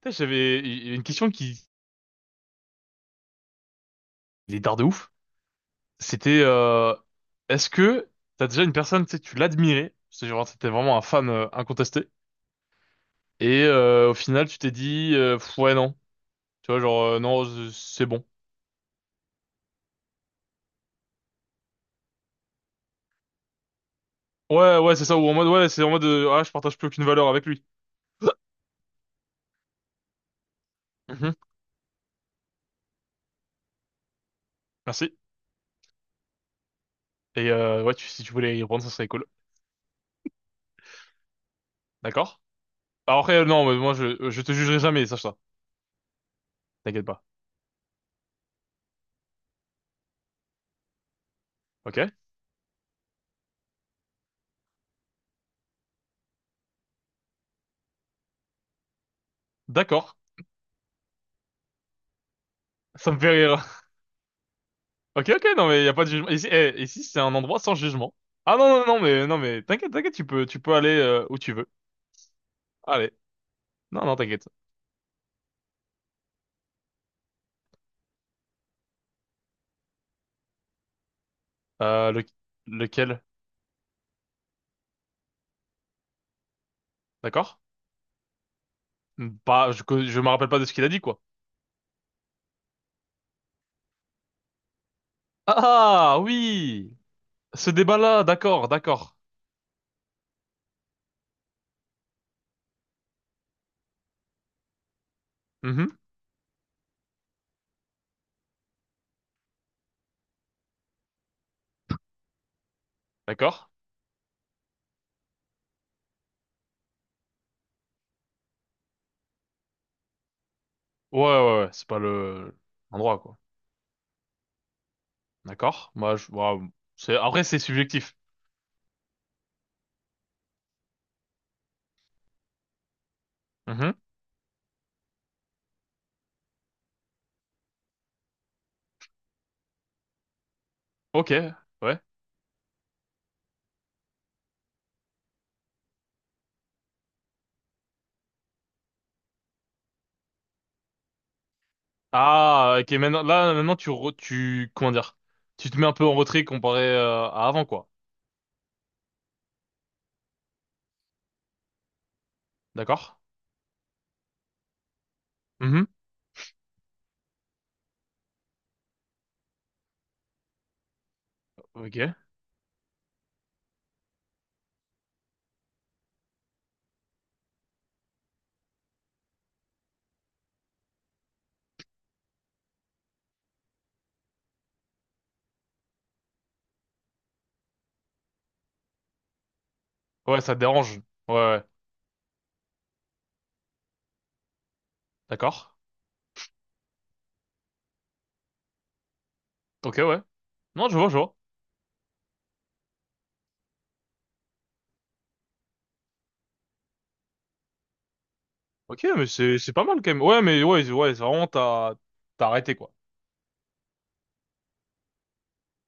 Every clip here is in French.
Putain, j'avais il y a une question qui il est dard de ouf. C'était est-ce que t'as déjà une personne, tu sais, tu l'admirais, c'est genre t'étais vraiment un fan incontesté, et au final tu t'es dit pff, ouais non, tu vois genre non c'est bon. Ouais, ouais, c'est ça ou en mode ouais, c'est en mode ah, je partage plus aucune valeur avec lui. Mhm, merci. Et ouais si tu voulais y reprendre ça serait cool. D'accord. Alors après non mais moi je te jugerai jamais, sache ça. T'inquiète pas. Ok. D'accord. Ça me fait rire. Ok, ok, non mais y a pas de jugement. Ici, eh, ici c'est un endroit sans jugement. Ah non, non, non, mais non, mais t'inquiète, t'inquiète, tu peux aller où tu veux. Allez, non, non, t'inquiète. Euh, le, lequel? D'accord? Bah, je me rappelle pas de ce qu'il a dit, quoi. Ah, ah, oui, ce débat-là, d'accord, d'accord. Mhm, d'accord. Ouais, ouais, ouais, c'est pas le endroit, quoi. D'accord. Moi, je, ouais, c'est après c'est subjectif. Mhm, ok, ouais. Ah, ok, maintenant, là, maintenant, tu, comment dire, tu te mets un peu en retrait comparé à avant, quoi. D'accord? Mhm. Ok. Ouais, ça te dérange. Ouais, ouais, ouais. D'accord. Ok, ouais. Non, je vois, je vois. Ok, mais c'est pas mal quand même. Ouais, mais ouais, ouais, c'est vraiment, t'as arrêté, quoi.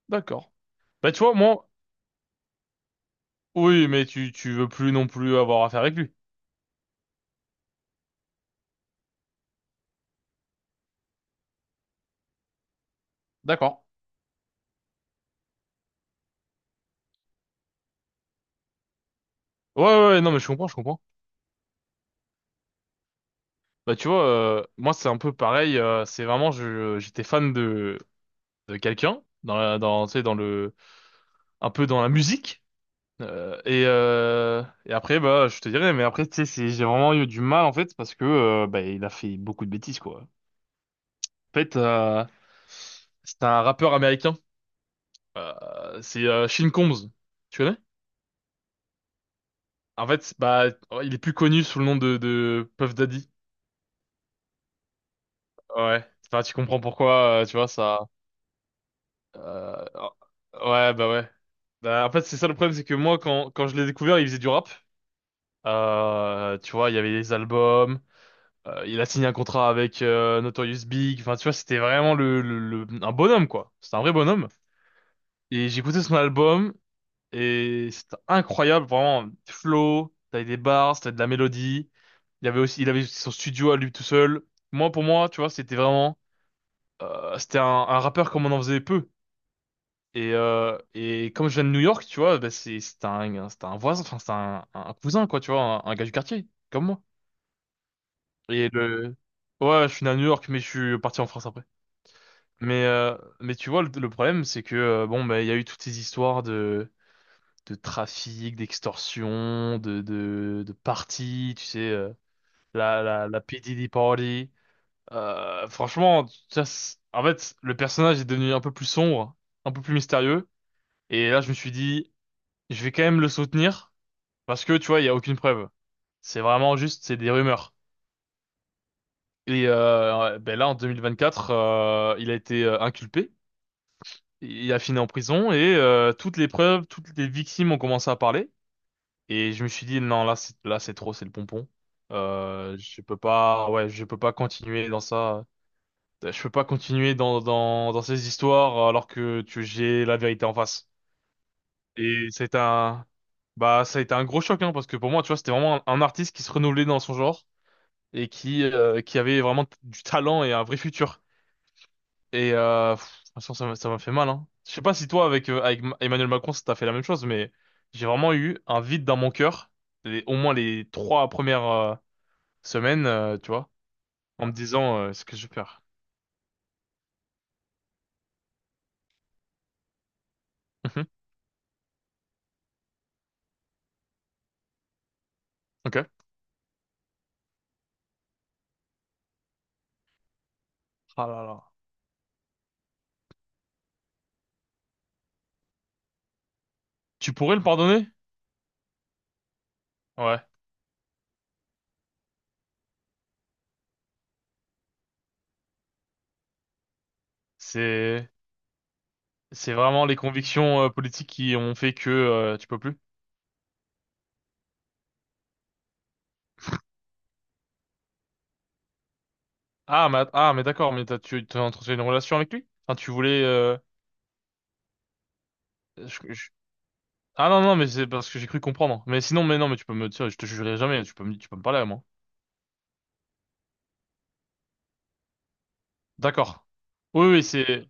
D'accord. Bah, tu vois, moi, oui, mais tu veux plus non plus avoir affaire avec lui. D'accord. Ouais, ouais, ouais, non, mais je comprends, je comprends. Bah, tu vois, moi, c'est un peu pareil, c'est vraiment, je, j'étais fan de quelqu'un, dans, tu sais, un peu dans la musique. Et après, bah, je te dirais, mais après, tu sais, j'ai vraiment eu du mal, en fait, parce que, bah, il a fait beaucoup de bêtises, quoi. En fait, c'est un rappeur américain. C'est Sean Combs. Tu connais? En fait, bah, il est plus connu sous le nom de Puff Daddy. Ouais. Enfin, tu comprends pourquoi, tu vois, ça. Euh, ouais. Bah, en fait, c'est ça le problème, c'est que moi, quand je l'ai découvert, il faisait du rap. Tu vois, il y avait les albums. Il a signé un contrat avec Notorious Big. Enfin, tu vois, c'était vraiment un bonhomme, quoi. C'était un vrai bonhomme. Et j'écoutais son album et c'était incroyable, vraiment. Flow, t'avais des bars, t'avais de la mélodie. Il avait son studio à lui tout seul. Moi, pour moi, tu vois, c'était vraiment, c'était un rappeur comme on en faisait peu. Et comme je viens de New York, tu vois, bah, c'est c'est un voisin, enfin, c'est un cousin, quoi, tu vois, un gars du quartier, comme moi. Et le, ouais, je suis né à New York, mais je suis parti en France après. Mais tu vois, le problème, c'est que bon, bah, il y a eu toutes ces histoires de trafic, d'extorsion, de parties, tu sais, la P. Diddy Party. Franchement, ça, en fait, le personnage est devenu un peu plus sombre, un peu plus mystérieux. Et là, je me suis dit, je vais quand même le soutenir parce que tu vois, il y a aucune preuve. C'est vraiment juste, c'est des rumeurs. Et ouais, ben là, en 2024, il a été inculpé. Il a fini en prison et toutes les preuves, toutes les victimes ont commencé à parler. Et je me suis dit, non, là, là, c'est trop, c'est le pompon. Je peux pas, ouais, je peux pas continuer dans ça. Je peux pas continuer dans ces histoires alors que tu, j'ai la vérité en face. Et c'est un, bah, ça a été un gros choc, hein, parce que pour moi, tu vois, c'était vraiment un artiste qui se renouvelait dans son genre et qui avait vraiment du talent et un vrai futur. Et pff, franchement, ça m'a fait mal, hein. Je sais pas si toi, avec, avec Emmanuel Macron, ça t'a fait la même chose, mais j'ai vraiment eu un vide dans mon cœur, les, au moins les 3 premières semaines, tu vois, en me disant ce que je perds. Mhm. Ok. Ah là là. Tu pourrais le pardonner? Ouais. C'est c'est vraiment les convictions politiques qui ont fait que tu peux plus. Ah mais d'accord, mais t'as, tu as entretenu une relation avec lui? Enfin, tu voulais. Je, je- Ah non, non, mais c'est parce que j'ai cru comprendre. Mais sinon, mais non, mais tu peux me dire, je te jugerai jamais, tu peux me parler à moi. D'accord. Oui, oui, c'est,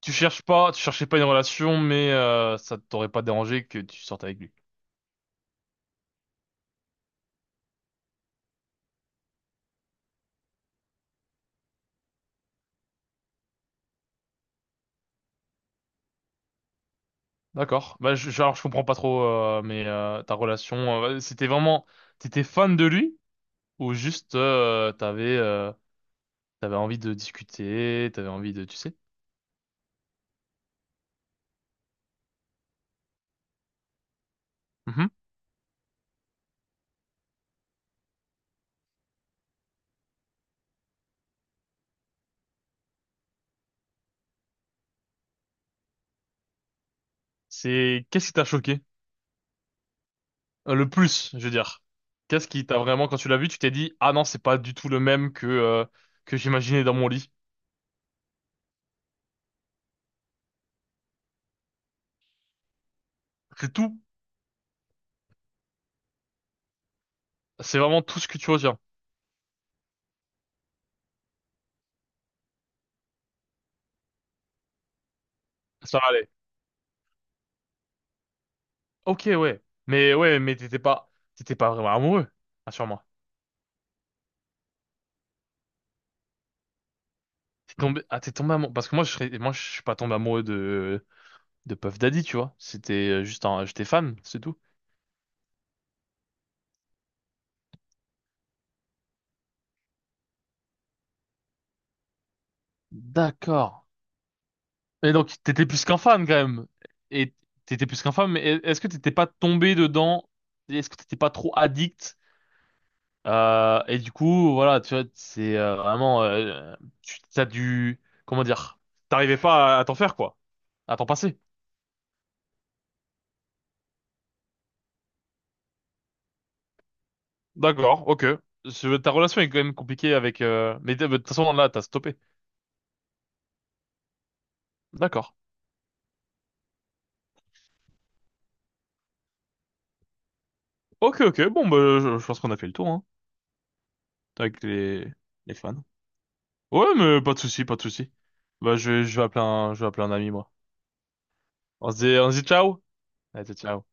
tu cherches pas, tu cherchais pas une relation, mais ça t'aurait pas dérangé que tu sortes avec lui. D'accord. Bah, alors, je comprends pas trop, mais ta relation, ouais, c'était vraiment, t'étais fan de lui ou juste t'avais, t'avais envie de discuter, t'avais envie de, tu sais. Mhm. C'est, qu'est-ce qui t'a choqué? Le plus, je veux dire. Qu'est-ce qui t'a vraiment, quand tu l'as vu, tu t'es dit, ah non, c'est pas du tout le même que j'imaginais dans mon lit. C'est tout. C'est vraiment tout ce que tu retiens. Ça allait. Ok, ouais. Mais ouais, mais t'étais pas vraiment amoureux. Assure-moi. T'es tombé, ah, t'es tombé amoureux. Parce que moi, je serais, moi, je suis pas tombé amoureux de Puff Daddy, tu vois. C'était juste un, j'étais fan, c'est tout. D'accord. Et donc, t'étais plus qu'un fan, quand même. Et t'étais plus qu'un fan, mais est-ce que t'étais pas tombé dedans? Est-ce que t'étais pas trop addict? Et du coup, voilà, tu vois, c'est vraiment, tu t'as dû, comment dire, t'arrivais pas à, à t'en faire quoi, à t'en passer. D'accord, ok. Ta relation est quand même compliquée avec, mais de toute façon là, t'as stoppé. D'accord. Ok, ok. Bon, bah, je pense qu'on a fait le tour, hein, avec les fans. Ouais, mais pas de souci, pas de souci. Bah, je vais appeler un, je vais appeler un ami moi. On se dit ciao. Allez, ciao.